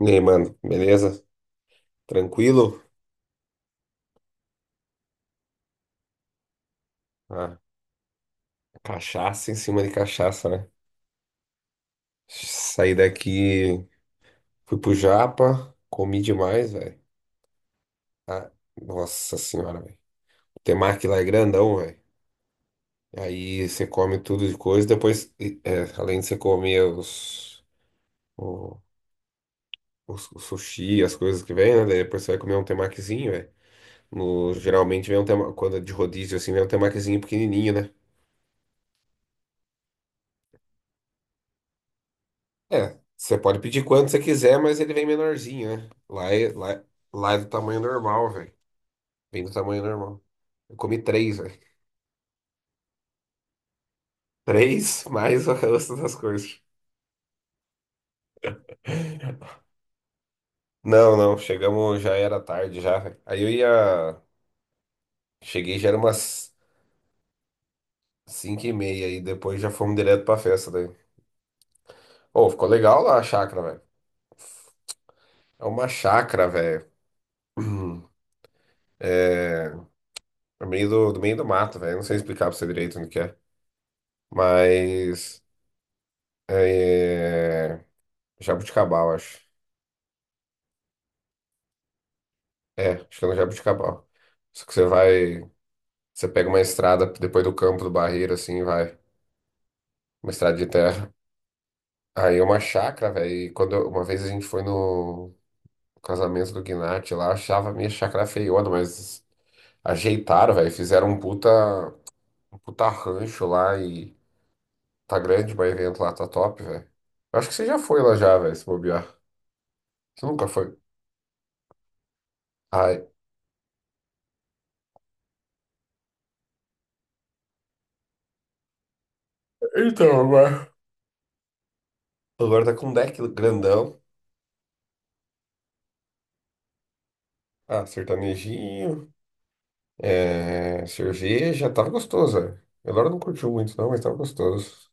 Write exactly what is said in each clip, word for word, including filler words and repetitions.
E aí, mano, beleza? Tranquilo? Ah, cachaça em cima de cachaça, né? Saí daqui, fui pro Japa, comi demais, velho. Ah, nossa senhora, velho. O temaki lá é grandão, velho. Aí você come tudo de coisa, depois, e, é, além de você comer os, o, os- o sushi, as coisas que vem, né? Daí depois você vai comer um temakizinho, velho. No, geralmente vem um tema, quando é de rodízio assim, vem um temakizinho pequenininho, né? É, você pode pedir quanto você quiser, mas ele vem menorzinho, né? Lá é, lá, é- lá é do tamanho normal, velho. Vem do tamanho normal. Eu comi três, velho. Três mais o resto das coisas. Não, não, chegamos, já era tarde já, velho. Aí eu ia. Cheguei, já era umas cinco e meia, e depois já fomos direto pra festa daí. Ô, ficou legal lá a chácara, velho. É uma chácara, velho. É. No meio do, do meio do mato, velho. Não sei explicar pra você direito onde que é. Mas. É... Jabuticabal, acho. É, acho que é no Jabuticabal. Só que você vai. Você pega uma estrada depois do campo do Barreiro, assim, vai. Uma estrada de terra. Aí é uma chácara, velho. E quando eu- uma vez a gente foi no casamento do Gnat lá, eu achava a minha chácara feiona, mas ajeitaram, velho. Fizeram um puta, um puta rancho lá e tá grande, mas o evento lá tá top, velho. Eu acho que você já foi lá já, velho, se bobear. Você nunca foi. Ai. Então, agora. Agora tá com um deck grandão. Ah, sertanejinho, é, cerveja, tava gostoso, velho. Elora não curtiu muito, não, mas tava gostoso.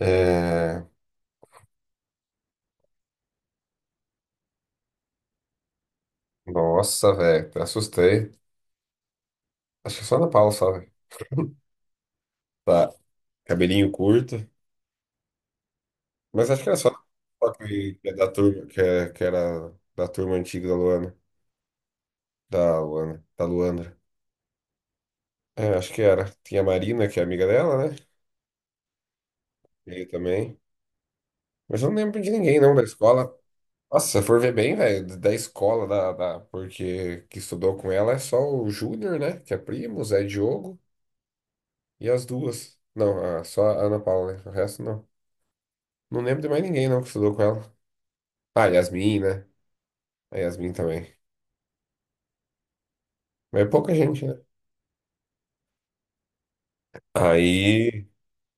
É, nossa, velho, até assustei. Acho que só na Paula, só, velho. Tá, cabelinho curto. Mas acho que era só na Paula que, que é da turma, que, é- que era da turma antiga da Luana. Da Luana, da Luandra. É, acho que era. Tinha a Marina, que é amiga dela, né? E aí também. Mas eu não lembro de ninguém, não, da escola. Nossa, se eu for ver bem, velho, da escola da, da, porque que estudou com ela é só o Júnior, né? Que é primo, o Zé Diogo e as duas. Não, a- só a Ana Paula, né? O resto não. Não lembro de mais ninguém, não, que estudou com ela. Ah, Yasmin, né? A Yasmin também. Mas é pouca gente, né? Aí,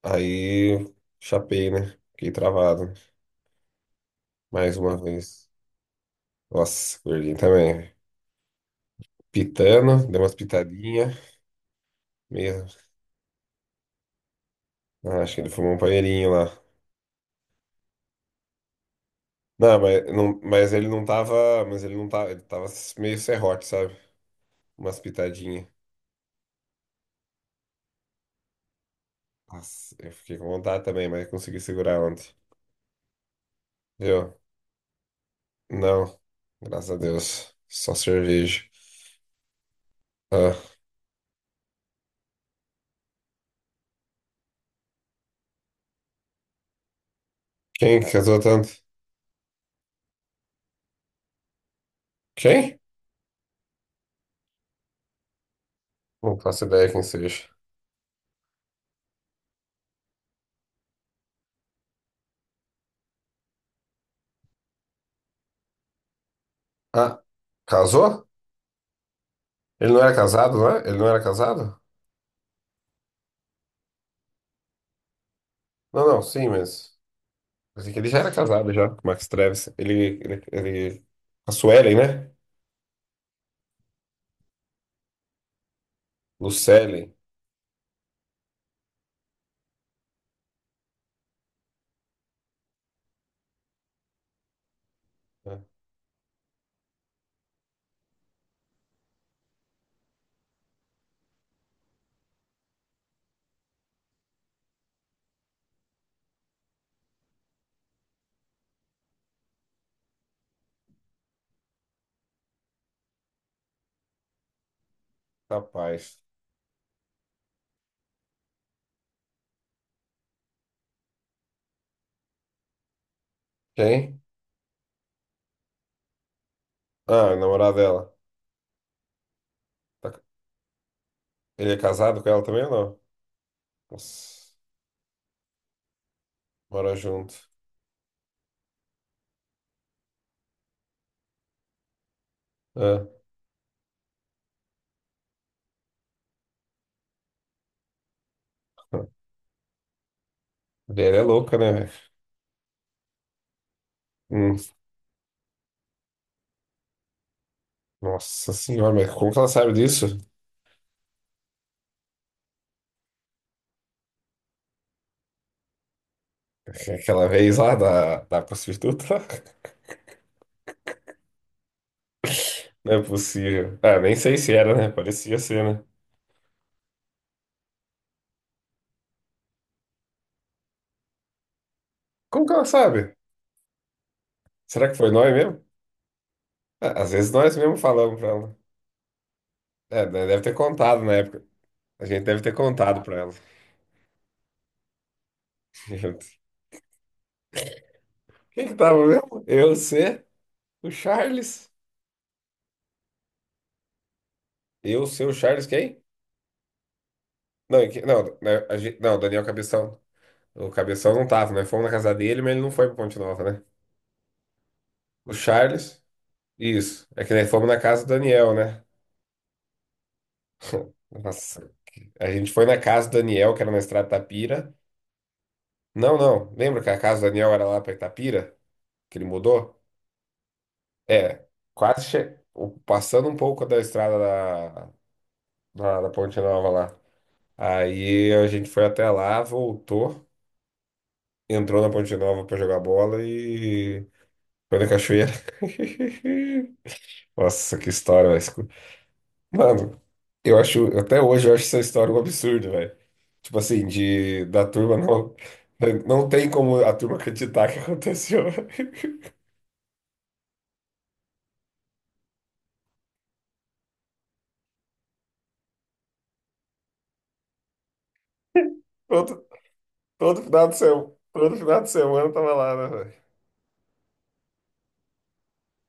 aí, chapei, né? Fiquei travado, né? Mais uma vez. Nossa, gordinho também. Pitando, deu umas pitadinhas. Mesmo. Ah, acho que ele fumou um panheirinho lá. Não, mas, não, mas ele não tava. Mas ele não tava. Ele tava meio serrote, sabe? Umas pitadinhas. Nossa, eu fiquei com vontade também, mas consegui segurar ontem. Viu? Não. Graças a Deus. Só cerveja. Ah, quem casou tanto? Quem? Não faço ideia quem seja. Ah, casou? Ele não era casado, não é? Ele não era casado? Não, não, sim, mas. Pensei que ele já era casado já, com o Max Travis. Ele, ele, ele. A Suelen, né? Lucellen. Ah, rapaz. Quem? Ah, o namorado dela. Tá- Ele é casado com ela também ou não? Nossa, mora junto. Ah, a mulher é louca, né, velho? Hum, Nossa senhora, mas como que ela sabe disso? É aquela vez lá da, da prostituta? Não é possível. Ah, nem sei se era, né? Parecia ser, né? Como que ela sabe? Será que foi nós mesmo? Ah, às vezes nós mesmo falamos pra ela. É, né, deve ter contado na época. A gente deve ter contado pra ela. Quem que tava mesmo? Eu, você, o Charles. Eu, seu Charles, quem? Não, e que- não, né, a gen- não, Daniel Cabeção. O Cabeção não tava, né? Fomos na casa dele, mas ele não foi pra Ponte Nova, né? O Charles, isso. É que nós fomos na casa do Daniel, né? Nossa. A gente foi na casa do Daniel, que era na Estrada Tapira. Não, não. Lembra que a casa do Daniel era lá pra Itapira? Que ele mudou? É. Quase che... o- passando um pouco da estrada da, da, da Ponte Nova lá. Aí a gente foi até lá, voltou, entrou na Ponte Nova pra jogar bola e foi na cachoeira. Nossa, que história, velho. Escu- Mano, eu acho, até hoje eu acho essa história um absurdo, velho. Tipo assim, de da turma não. Não tem como a turma acreditar que aconteceu. Todo, todo final de semana, todo final de semana eu tava lá, né, velho?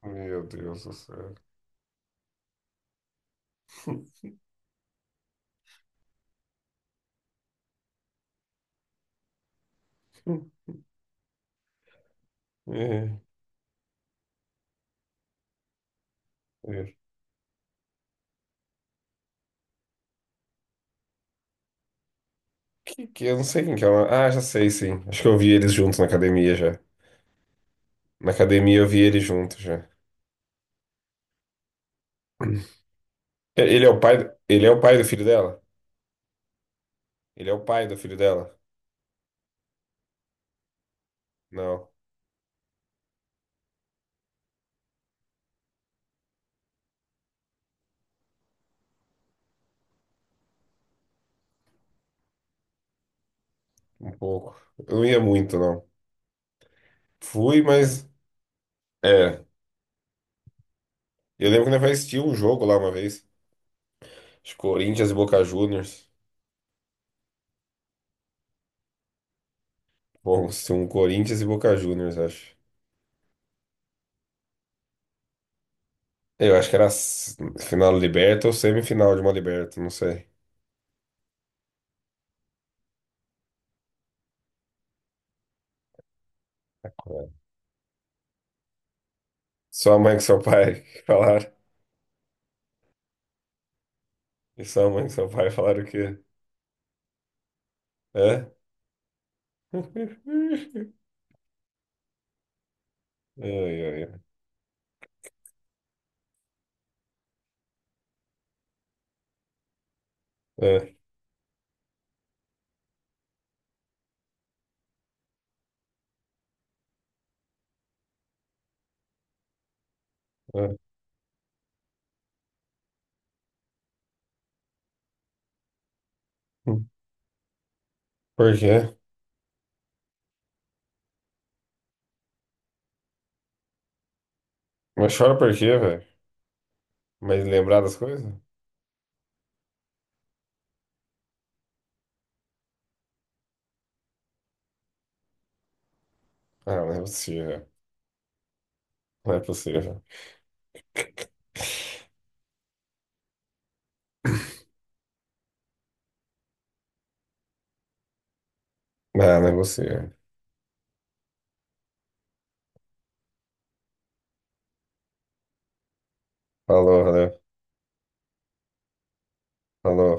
Meu Deus do céu. É, é. Que, que eu não sei quem que é. O ah, já sei, sim. Acho que eu vi eles juntos na academia já. Na academia eu vi eles juntos já. É, ele é o pai, ele é o pai do filho dela? Ele é o pai do filho dela? Não, um pouco. Eu não ia muito, não. Fui, mas. É. Eu lembro que nós assistimos um jogo lá uma vez. Acho que Corinthians e Boca Juniors. Bom, se um Corinthians e Boca Juniors, acho. Eu acho que era s- final da Liberta ou semifinal de uma Liberta, não sei. É. Sua mãe com seu pai que falaram. E sua mãe com seu pai falaram o quê? É? Ai, ai, ai. É, é. Por quê? Mas chora por quê, velho? Mas lembrar das coisas? Ah, não é possível. Não é possível. Ah, não é possível. Falou, valeu. Falou.